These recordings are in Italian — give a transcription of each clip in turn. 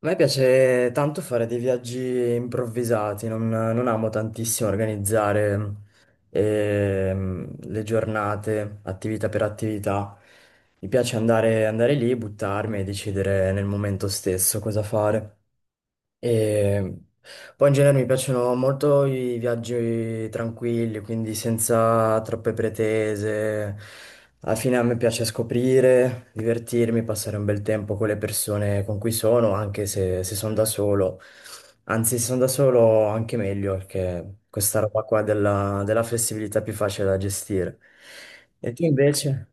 A me piace tanto fare dei viaggi improvvisati, non amo tantissimo organizzare le giornate, attività per attività. Mi piace andare lì, buttarmi e decidere nel momento stesso cosa fare. E poi in genere mi piacciono molto i viaggi tranquilli, quindi senza troppe pretese. Alla fine a me piace scoprire, divertirmi, passare un bel tempo con le persone con cui sono, anche se sono da solo. Anzi, se sono da solo anche meglio, perché questa roba qua della flessibilità è più facile da gestire. E tu invece?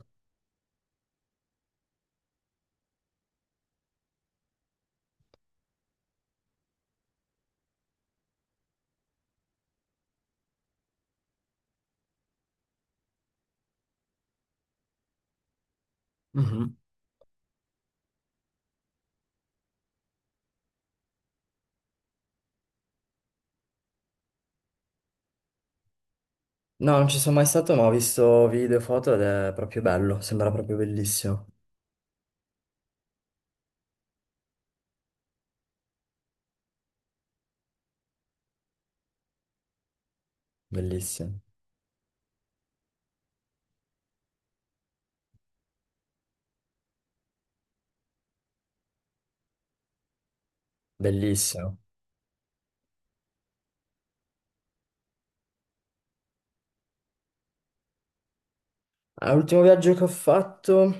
Mhm. No, non ci sono mai stato, ma ho visto video e foto ed è proprio bello, sembra proprio bellissimo. Bellissimo. Bellissimo. Ah, l'ultimo viaggio che ho fatto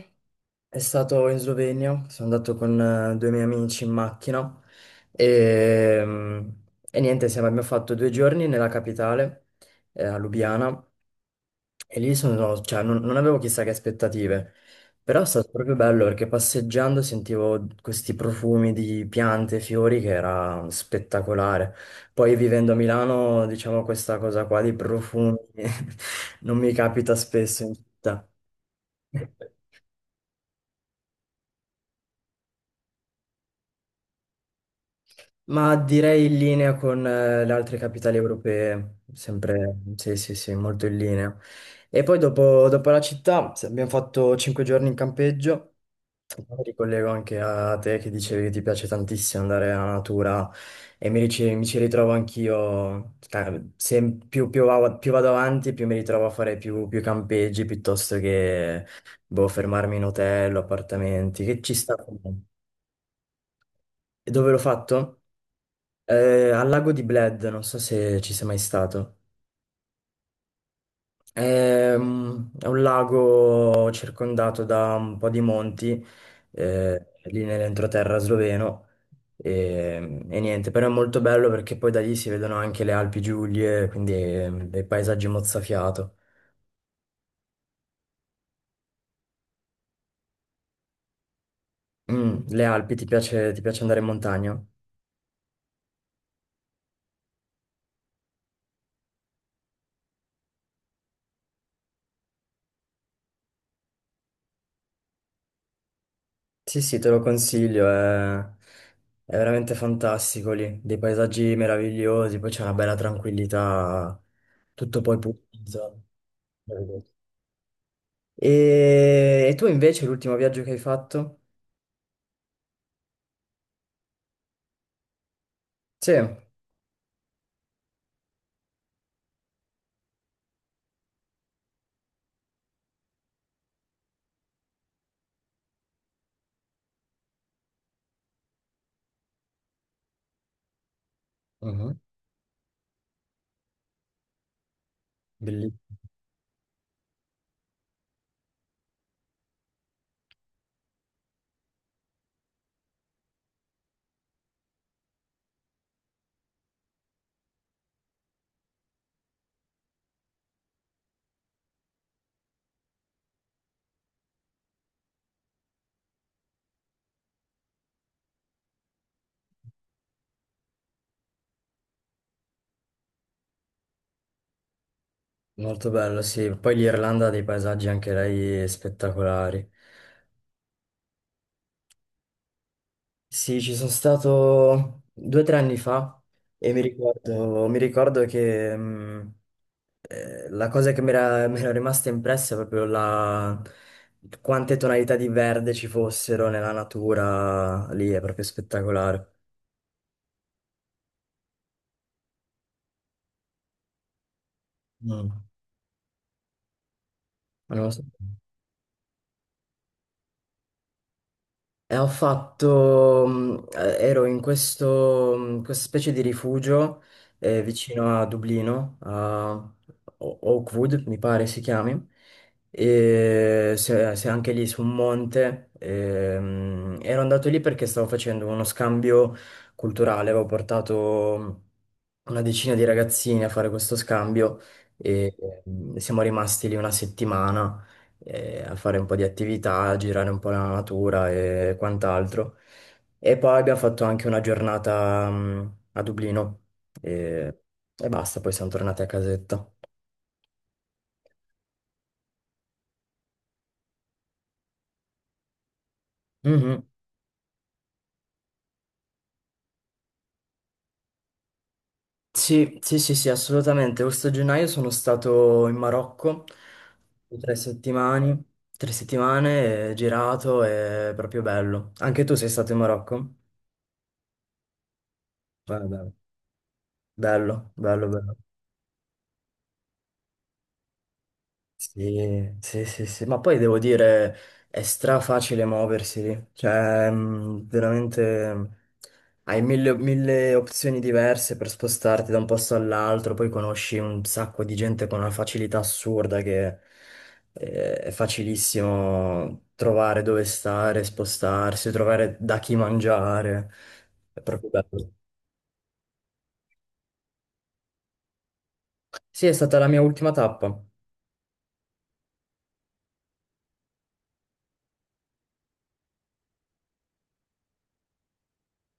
è stato in Slovenia. Sono andato con due miei amici in macchina e, mm, e niente, abbiamo fatto due giorni nella capitale, a Lubiana. E lì cioè, non avevo chissà che aspettative, però è stato proprio bello perché passeggiando sentivo questi profumi di piante e fiori che era spettacolare. Poi vivendo a Milano, diciamo, questa cosa qua di profumi non mi capita spesso in città. Ma direi in linea con le altre capitali europee, sempre, sì, sì, sì, molto in linea. E poi dopo la città abbiamo fatto 5 giorni in campeggio. Mi ricollego anche a te che dicevi che ti piace tantissimo andare alla natura e mi ci ritrovo anch'io, più vado avanti più mi ritrovo a fare più campeggi piuttosto che boh, fermarmi in hotel o appartamenti, che ci sta. E dove l'ho fatto? Al lago di Bled, non so se ci sei mai stato. È un lago circondato da un po' di monti, lì nell'entroterra sloveno. E niente, però è molto bello perché poi da lì si vedono anche le Alpi Giulie, quindi dei paesaggi mozzafiato. Le Alpi, ti piace andare in montagna? Sì, sì, te lo consiglio, è veramente fantastico lì, dei paesaggi meravigliosi, poi c'è una bella tranquillità, tutto poi pulito. E tu invece l'ultimo viaggio che hai fatto? Sì. Mhm. Bellissimo. Molto bello, sì. Poi l'Irlanda ha dei paesaggi anche lei spettacolari. Sì, ci sono stato due o tre anni fa e mi ricordo che la cosa che mi era rimasta impressa è proprio quante tonalità di verde ci fossero nella natura lì, è proprio spettacolare. Mm. Non lo so. E ero in questa specie di rifugio vicino a Dublino, a Oakwood mi pare si chiami, e se anche lì su un monte. E, ero andato lì perché stavo facendo uno scambio culturale, avevo portato una decina di ragazzini a fare questo scambio e siamo rimasti lì una settimana a fare un po' di attività, a girare un po' la natura e quant'altro. E poi abbiamo fatto anche una giornata, a Dublino e, e basta, poi siamo tornati a casetta. Mhm. Sì, sì, sì, sì, assolutamente. Questo gennaio sono stato in Marocco tre settimane, tre settimane, girato, è proprio bello. Anche tu sei stato in Marocco? Vabbè, bello, bello, bello. Sì, sì, sì, sì, ma poi devo dire, è stra facile muoversi lì, cioè veramente hai mille, mille opzioni diverse per spostarti da un posto all'altro, poi conosci un sacco di gente con una facilità assurda che è facilissimo trovare dove stare, spostarsi, trovare da chi mangiare, è proprio bello. Sì, è stata la mia ultima tappa,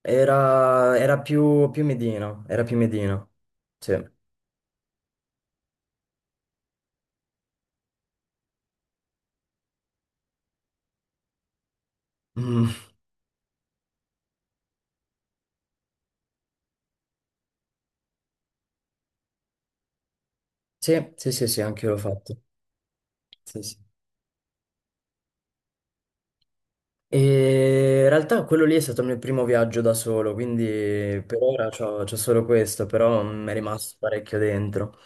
era più Medina, era più Medina, sì. Mm. Sì, sì, sì, sì, anche io l'ho fatto. Sì, sì. E in realtà quello lì è stato il mio primo viaggio da solo, quindi per ora c'ho solo questo, però mi è rimasto parecchio dentro.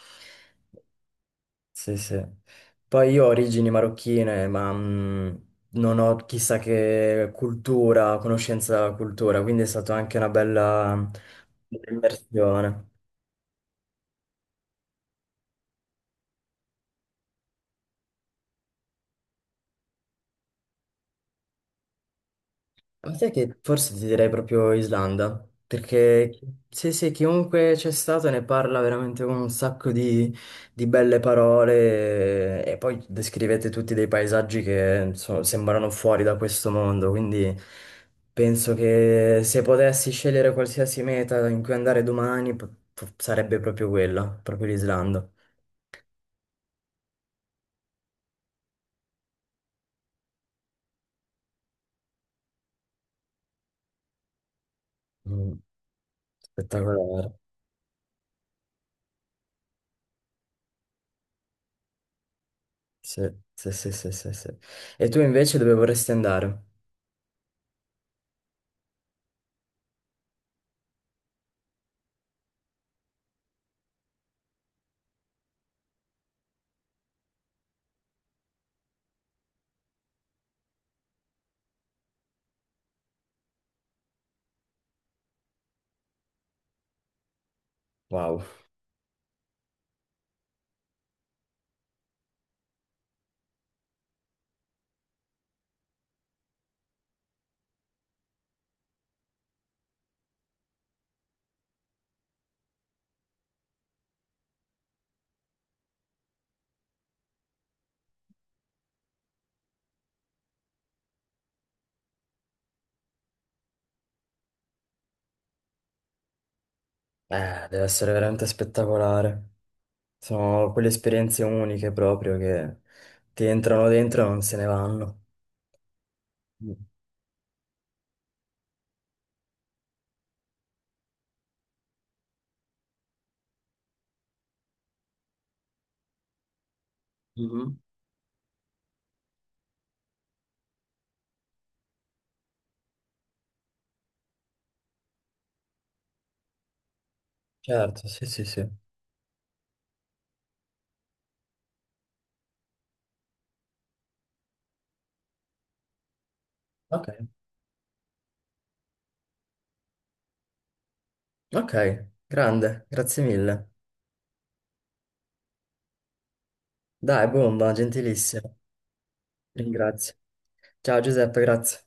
Sì, sì. Poi io ho origini marocchine, ma non ho chissà che cultura, conoscenza della cultura, quindi è stata anche una bella immersione. Ma sai che forse ti direi proprio Islanda, perché sì, sì, chiunque c'è stato ne parla veramente con un sacco di belle parole e poi descrivete tutti dei paesaggi che insomma, sembrano fuori da questo mondo, quindi penso che se potessi scegliere qualsiasi meta in cui andare domani sarebbe proprio quella, proprio l'Islanda. Mm, Spettacolare. Sì, sì, sì, sì, sì, sì. E tu invece dove vorresti andare? Wow. Deve essere veramente spettacolare. Sono quelle esperienze uniche proprio che ti entrano dentro e non se ne vanno. Mhm. Certo, sì, sì, sì. Ok, ok, grande, grazie mille. Dai, bomba, gentilissimo. Ringrazio. Ciao Giuseppe, grazie.